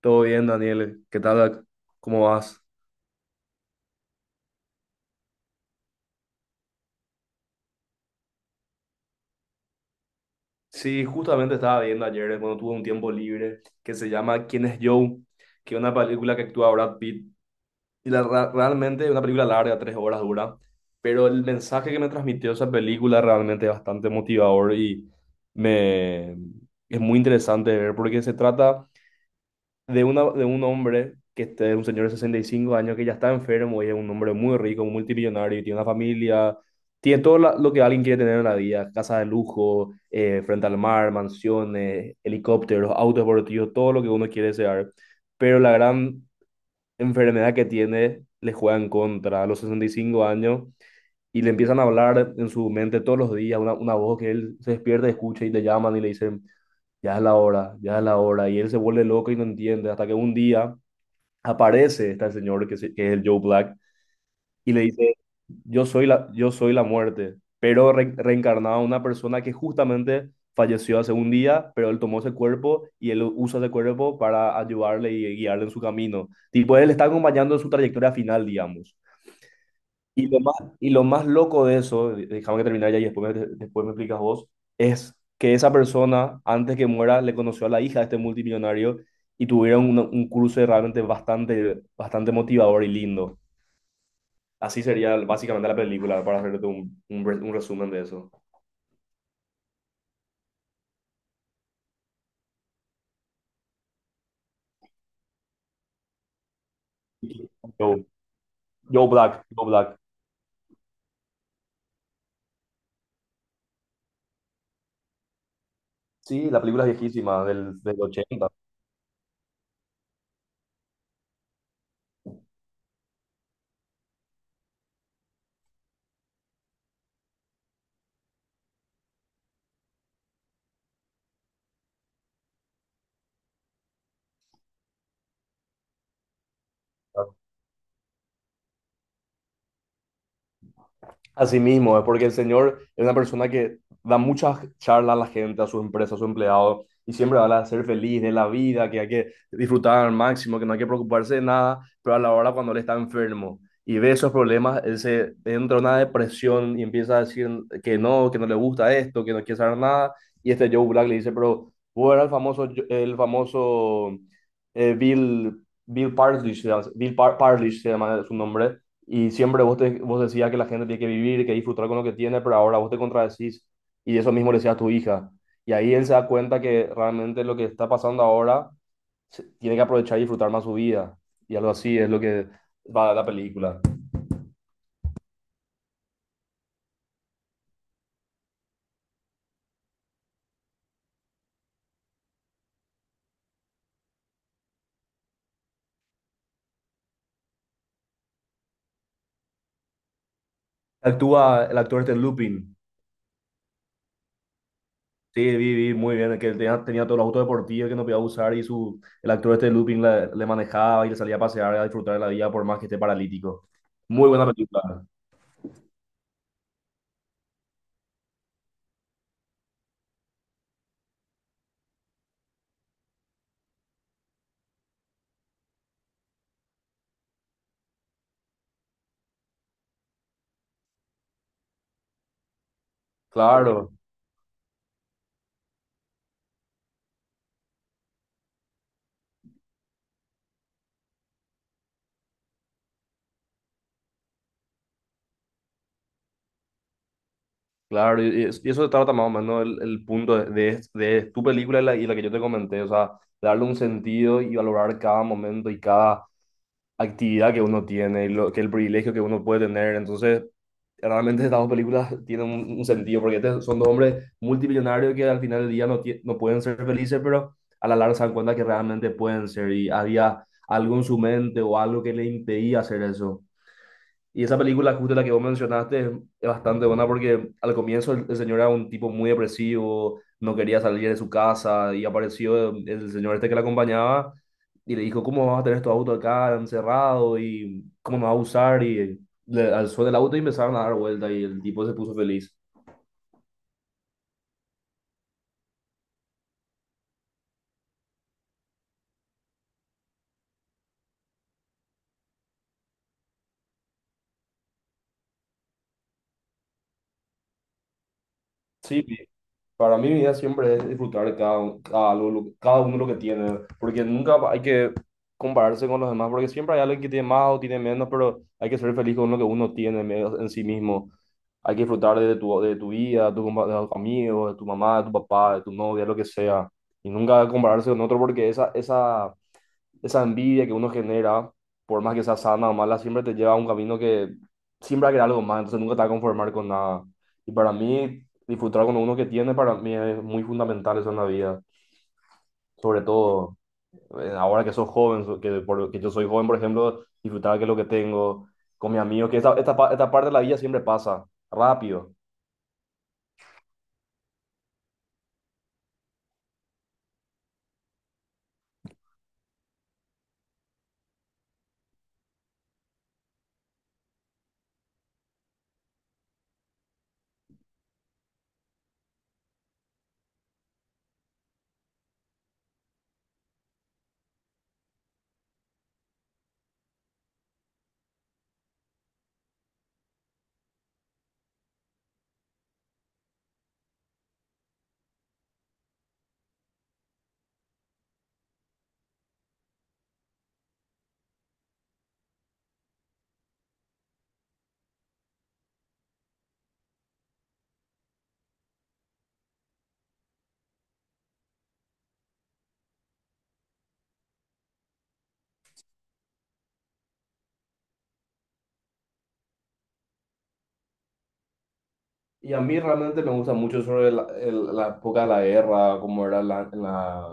Todo bien, Daniel. ¿Qué tal? ¿Cómo vas? Sí, justamente estaba viendo ayer, cuando tuve un tiempo libre, que se llama ¿Quién es Joe? Que es una película que actúa Brad Pitt. Y realmente es una película larga, 3 horas dura. Pero el mensaje que me transmitió esa película realmente es bastante motivador y me, es muy interesante de ver porque se trata de un hombre que es un señor de 65 años que ya está enfermo y es un hombre muy rico, multimillonario, y tiene una familia, tiene todo lo que alguien quiere tener en la vida, casa de lujo, frente al mar, mansiones, helicópteros, autos deportivos, todo lo que uno quiere desear. Pero la gran enfermedad que tiene le juega en contra a los 65 años y le empiezan a hablar en su mente todos los días, una voz que él se despierta, escucha y le llaman y le dicen, ya es la hora, ya es la hora, y él se vuelve loco y no entiende, hasta que un día aparece este señor que es el Joe Black y le dice, yo soy la muerte, pero reencarnado a una persona que justamente falleció hace un día, pero él tomó ese cuerpo y él usa ese cuerpo para ayudarle y guiarle en su camino. Tipo, él está acompañando en su trayectoria final, digamos. Y lo más, y lo más loco de eso, déjame que termine ya y después me explicas vos, es que esa persona, antes que muera, le conoció a la hija de este multimillonario y tuvieron un cruce realmente bastante, bastante motivador y lindo. Así sería básicamente la película, para hacerte un resumen de eso. Joe, Joe Black, Joe Black. Sí, la película es viejísima, del ochenta. Así mismo, es porque el señor es una persona que da muchas charlas a la gente, a sus empresas, a sus empleados, y siempre habla de ser feliz, de la vida, que hay que disfrutar al máximo, que no hay que preocuparse de nada, pero a la hora cuando él está enfermo y ve esos problemas, él se entra en una depresión y empieza a decir que no le gusta esto, que no quiere saber nada, y este Joe Black le dice, pero vos eras el famoso, el famoso Bill Parlish, se llama- Bill Par- Parlish se llama su nombre, y siempre vos decías que la gente tiene que vivir, que disfrutar con lo que tiene, pero ahora vos te contradecís y eso mismo le decías a tu hija. Y ahí él se da cuenta que realmente lo que está pasando ahora tiene que aprovechar y disfrutar más su vida. Y algo así es lo que va la película. Actúa el actor este Lupin. Sí, vi muy bien, que él tenía todos los autos deportivos que no podía usar y el actor este Lupin le manejaba y le salía a pasear, a disfrutar de la vida por más que esté paralítico. Muy buena película. Claro. Claro, y eso se trata más o menos el punto de tu película y la que yo te comenté, o sea, darle un sentido y valorar cada momento y cada actividad que uno tiene, y lo, que el privilegio que uno puede tener. Entonces, realmente estas dos películas tienen un sentido, porque son dos hombres multimillonarios que al final del día no pueden ser felices, pero a la larga se dan cuenta que realmente pueden ser y había algo en su mente o algo que le impedía hacer eso. Y esa película, justo la que vos mencionaste, es bastante buena porque al comienzo el señor era un tipo muy depresivo, no quería salir de su casa y apareció el señor este que le acompañaba y le dijo, ¿cómo vas a tener tu auto acá encerrado y cómo nos vas a usar? Y le alzó del auto y empezaron a dar vuelta y el tipo se puso feliz. Sí, para mí mi vida siempre es disfrutar de cada uno lo que tiene, porque nunca hay que compararse con los demás, porque siempre hay alguien que tiene más o tiene menos, pero hay que ser feliz con lo que uno tiene en sí mismo. Hay que disfrutar de tu vida, de tu de tus amigos, de tu mamá, de tu papá, de tu novia, lo que sea. Y nunca compararse con otro porque esa envidia que uno genera, por más que sea sana o mala, siempre te lleva a un camino que siempre va a querer algo más, entonces nunca te va a conformar con nada. Y para mí, disfrutar con uno que tiene, para mí es muy fundamental eso en la vida, sobre todo ahora que sos joven, so- que, por- que yo soy joven, por ejemplo, disfrutar que lo que tengo con mis amigos, que esta parte de la vida siempre pasa rápido. Y a mí realmente me gusta mucho sobre la época de la guerra, como era la, en la,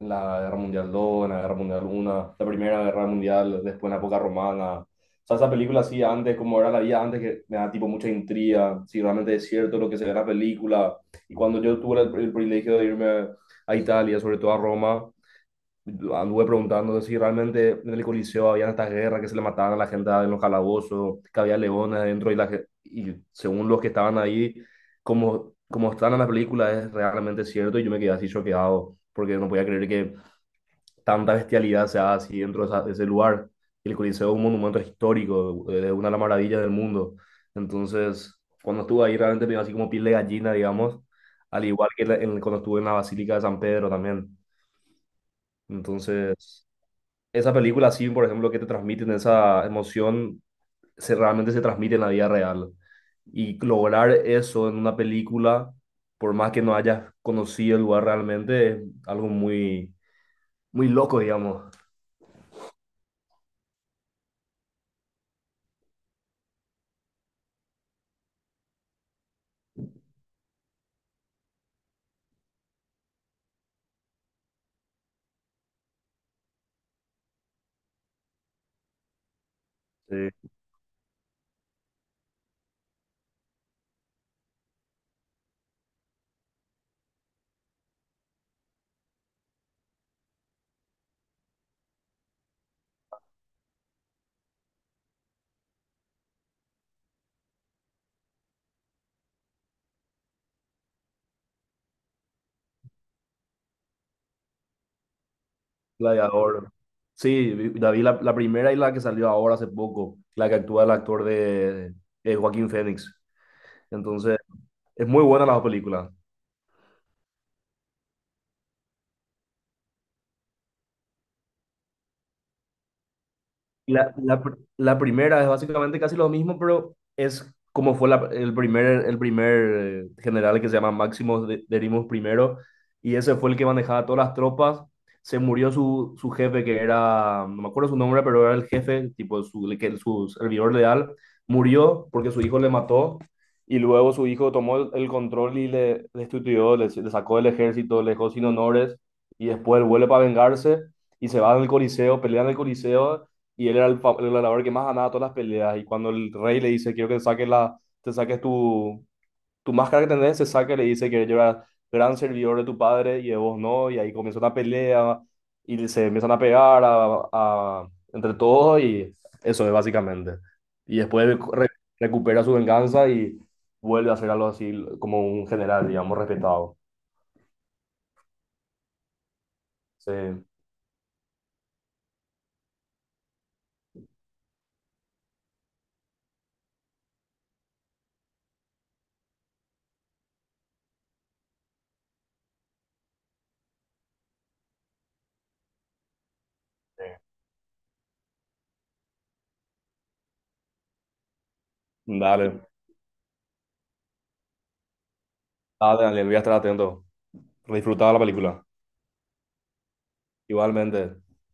en la Guerra Mundial II en la Guerra Mundial 1, la Primera Guerra Mundial, después en la época romana. O sea, esa película así antes, como era la vida antes, que me da tipo mucha intriga, si realmente es cierto lo que se ve en la película. Y cuando yo tuve el privilegio de irme a Italia, sobre todo a Roma, anduve preguntando si realmente en el Coliseo habían estas guerras que se le mataban a la gente en los calabozos, que había leones adentro y, y según los que estaban ahí, como están en la película, es realmente cierto y yo me quedé así choqueado porque no podía creer que tanta bestialidad se haga así dentro de ese lugar. El Coliseo es un monumento histórico, es una de las maravillas del mundo. Entonces, cuando estuve ahí realmente me dio así como piel de gallina, digamos, al igual que cuando estuve en la Basílica de San Pedro también. Entonces esa película así, por ejemplo, que te transmiten esa emoción, realmente se transmite en la vida real. Y lograr eso en una película, por más que no hayas conocido el lugar realmente, es algo muy loco, digamos. Sí, Gladiador. Sí, la vi la primera y la que salió ahora hace poco, la que actúa el actor de, Joaquín Phoenix. Entonces, es muy buena la película. La primera es básicamente casi lo mismo, pero es como fue el primer general que se llama Máximo Derimus primero, y ese fue el que manejaba todas las tropas. Se murió su jefe, que era, no me acuerdo su nombre, pero era el jefe, tipo su, el que, su servidor leal, murió porque su hijo le mató, y luego su hijo tomó el control y le destituyó, le sacó del ejército, le dejó sin honores, y después él vuelve para vengarse, y se va al Coliseo, pelea en el Coliseo y él era el gladiador que más ganaba todas las peleas. Y cuando el rey le dice, quiero que saques la, te saques tu, tu máscara que tenés, se saca y le dice que yo era gran servidor de tu padre y de vos no. Y ahí comienza una pelea y se empiezan a pegar entre todos y eso es básicamente. Y después re- recupera su venganza y vuelve a ser algo así como un general, digamos, respetado. Sí. Sí. Dale, dale, Daniel, voy a estar atento. Disfrutaba la película. Igualmente.